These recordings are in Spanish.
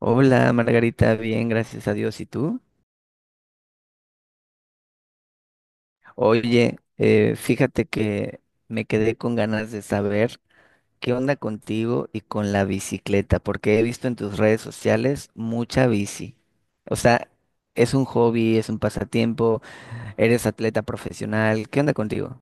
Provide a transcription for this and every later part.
Hola Margarita, bien, gracias a Dios. ¿Y tú? Oye, fíjate que me quedé con ganas de saber qué onda contigo y con la bicicleta, porque he visto en tus redes sociales mucha bici. O sea, es un hobby, es un pasatiempo, eres atleta profesional. ¿Qué onda contigo?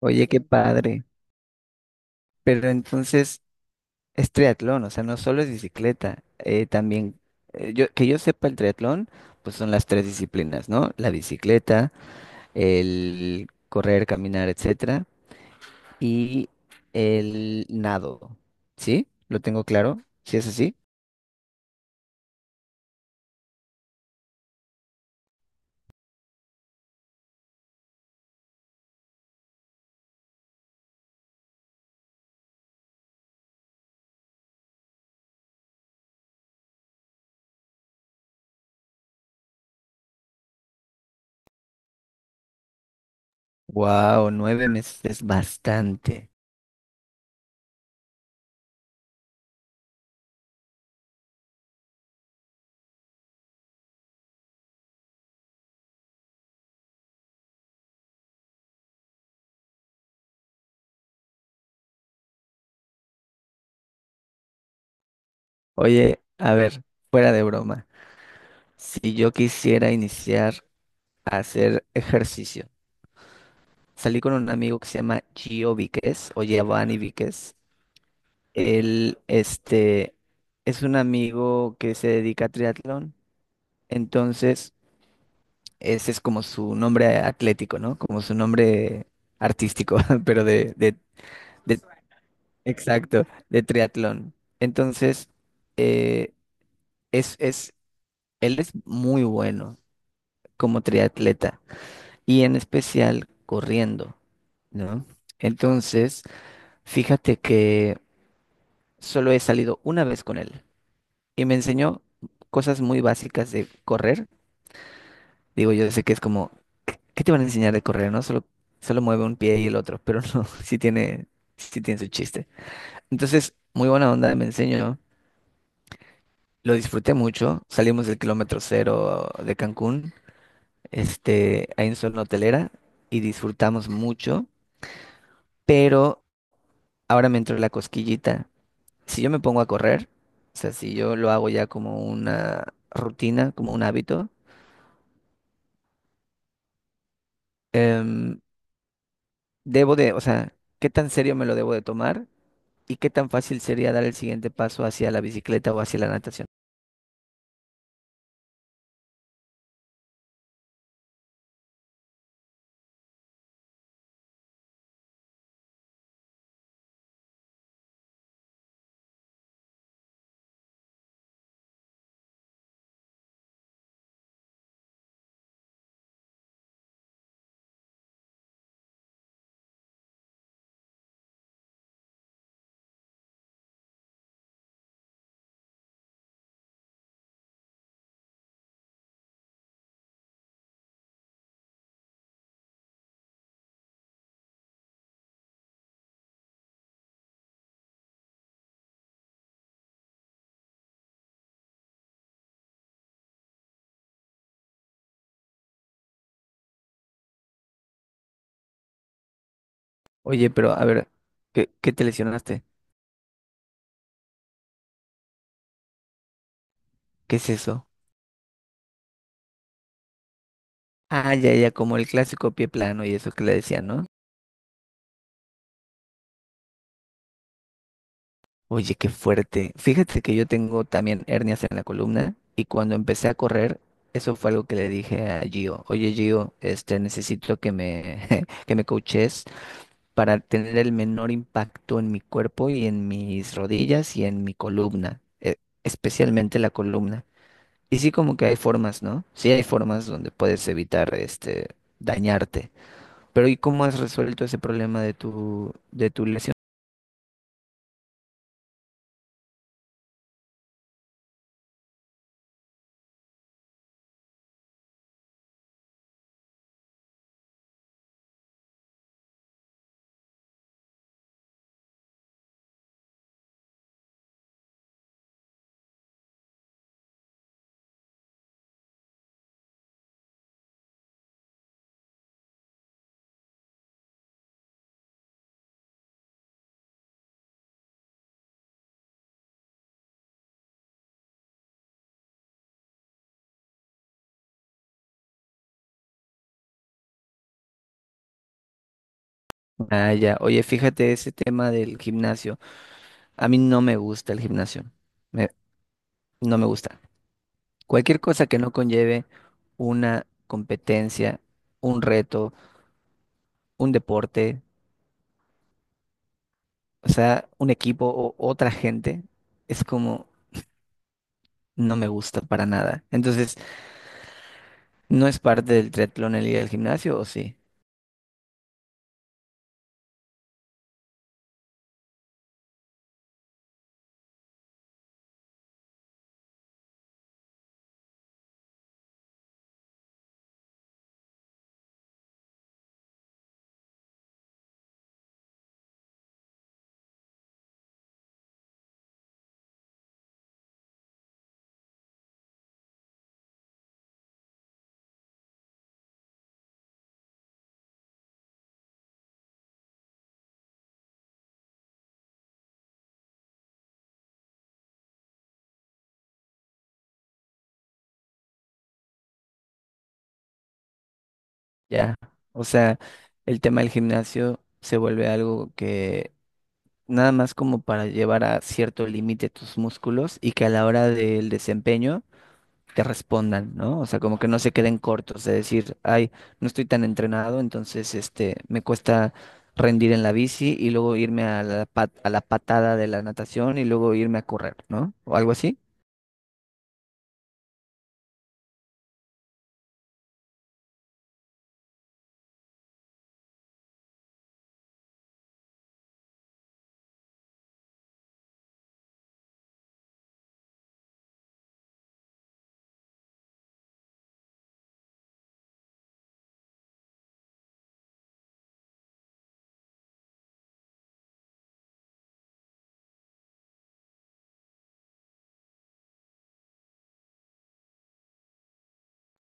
Oye, qué padre. Pero entonces es triatlón, o sea, no solo es bicicleta, también, yo, que yo sepa el triatlón, pues son las tres disciplinas, ¿no? La bicicleta, el correr, caminar, etcétera, y el nado. ¿Sí? ¿Lo tengo claro? ¿Sí es así? Wow, 9 meses es bastante. Oye, a ver, fuera de broma, si yo quisiera iniciar a hacer ejercicio, salí con un amigo que se llama Gio Víquez o Giovanni Víquez. Él, este, es un amigo que se dedica a triatlón, entonces ese es como su nombre atlético, ¿no? Como su nombre artístico, pero de- exacto, de triatlón. Entonces, eh, es, es, él es muy bueno como triatleta y en especial corriendo, ¿no? Entonces, fíjate que solo he salido una vez con él y me enseñó cosas muy básicas de correr. Digo, yo sé que es como ¿qué te van a enseñar de correr, no? Solo, solo mueve un pie y el otro, pero no, sí tiene su chiste. Entonces, muy buena onda, me enseñó. Lo disfruté mucho. Salimos del kilómetro 0 de Cancún, este, ahí en zona hotelera, y disfrutamos mucho. Pero ahora me entró la cosquillita. Si yo me pongo a correr, o sea, si yo lo hago ya como una rutina, como un hábito, em, debo de, o sea, ¿qué tan serio me lo debo de tomar? ¿Y qué tan fácil sería dar el siguiente paso hacia la bicicleta o hacia la natación? Oye, pero a ver, ¿qué, qué te lesionaste? ¿Qué es eso? Ah, ya, ya, como el clásico pie plano y eso que le decían, ¿no? Oye, qué fuerte. Fíjate que yo tengo también hernias en la columna y cuando empecé a correr, eso fue algo que le dije a Gio. Oye, Gio, este, necesito que me, que me coaches para tener el menor impacto en mi cuerpo y en mis rodillas y en mi columna, especialmente la columna. Y sí, como que hay formas, ¿no? Sí hay formas donde puedes evitar este dañarte. Pero ¿y cómo has resuelto ese problema de tu lesión? Ah, ya. Oye, fíjate ese tema del gimnasio. A mí no me gusta el gimnasio. Me- no me gusta. Cualquier cosa que no conlleve una competencia, un reto, un deporte, o sea, un equipo o otra gente, es como no me gusta para nada. Entonces, ¿no es parte del triatlón el ir al gimnasio o sí? Ya, o sea, el tema del gimnasio se vuelve algo que nada más como para llevar a cierto límite tus músculos y que a la hora del desempeño te respondan, ¿no? O sea, como que no se queden cortos, de decir, ay, no estoy tan entrenado, entonces este me cuesta rendir en la bici y luego irme a la a la patada de la natación y luego irme a correr, ¿no? O algo así.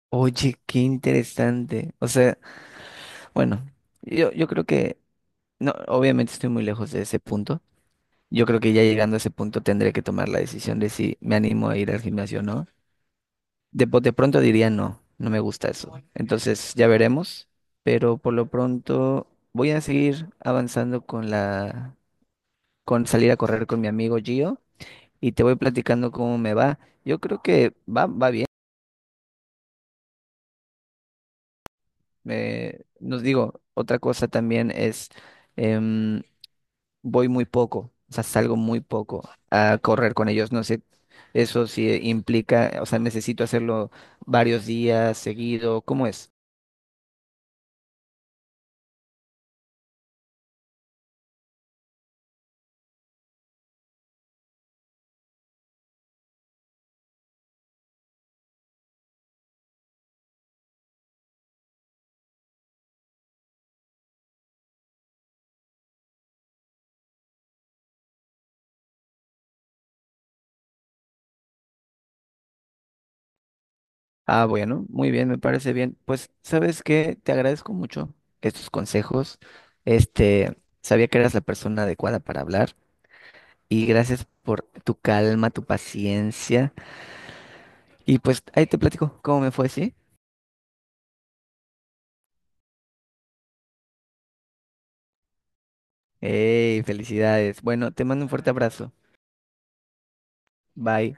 Oye, qué interesante. O sea, bueno, yo creo que no, obviamente estoy muy lejos de ese punto. Yo creo que ya llegando a ese punto tendré que tomar la decisión de si me animo a ir al gimnasio o no. De pronto diría no, no me gusta eso. Entonces ya veremos, pero por lo pronto voy a seguir avanzando con con salir a correr con mi amigo Gio y te voy platicando cómo me va. Yo creo que va, va bien. Nos digo, otra cosa también es em, voy muy poco, o sea, salgo muy poco a correr con ellos, no sé, eso sí implica, o sea, necesito hacerlo varios días seguido, ¿cómo es? Ah, bueno, muy bien, me parece bien. Pues, ¿sabes qué? Te agradezco mucho estos consejos. Este, sabía que eras la persona adecuada para hablar y gracias por tu calma, tu paciencia y pues ahí te platico cómo me fue, ¿sí? ¡Ey, felicidades! Bueno, te mando un fuerte abrazo. Bye.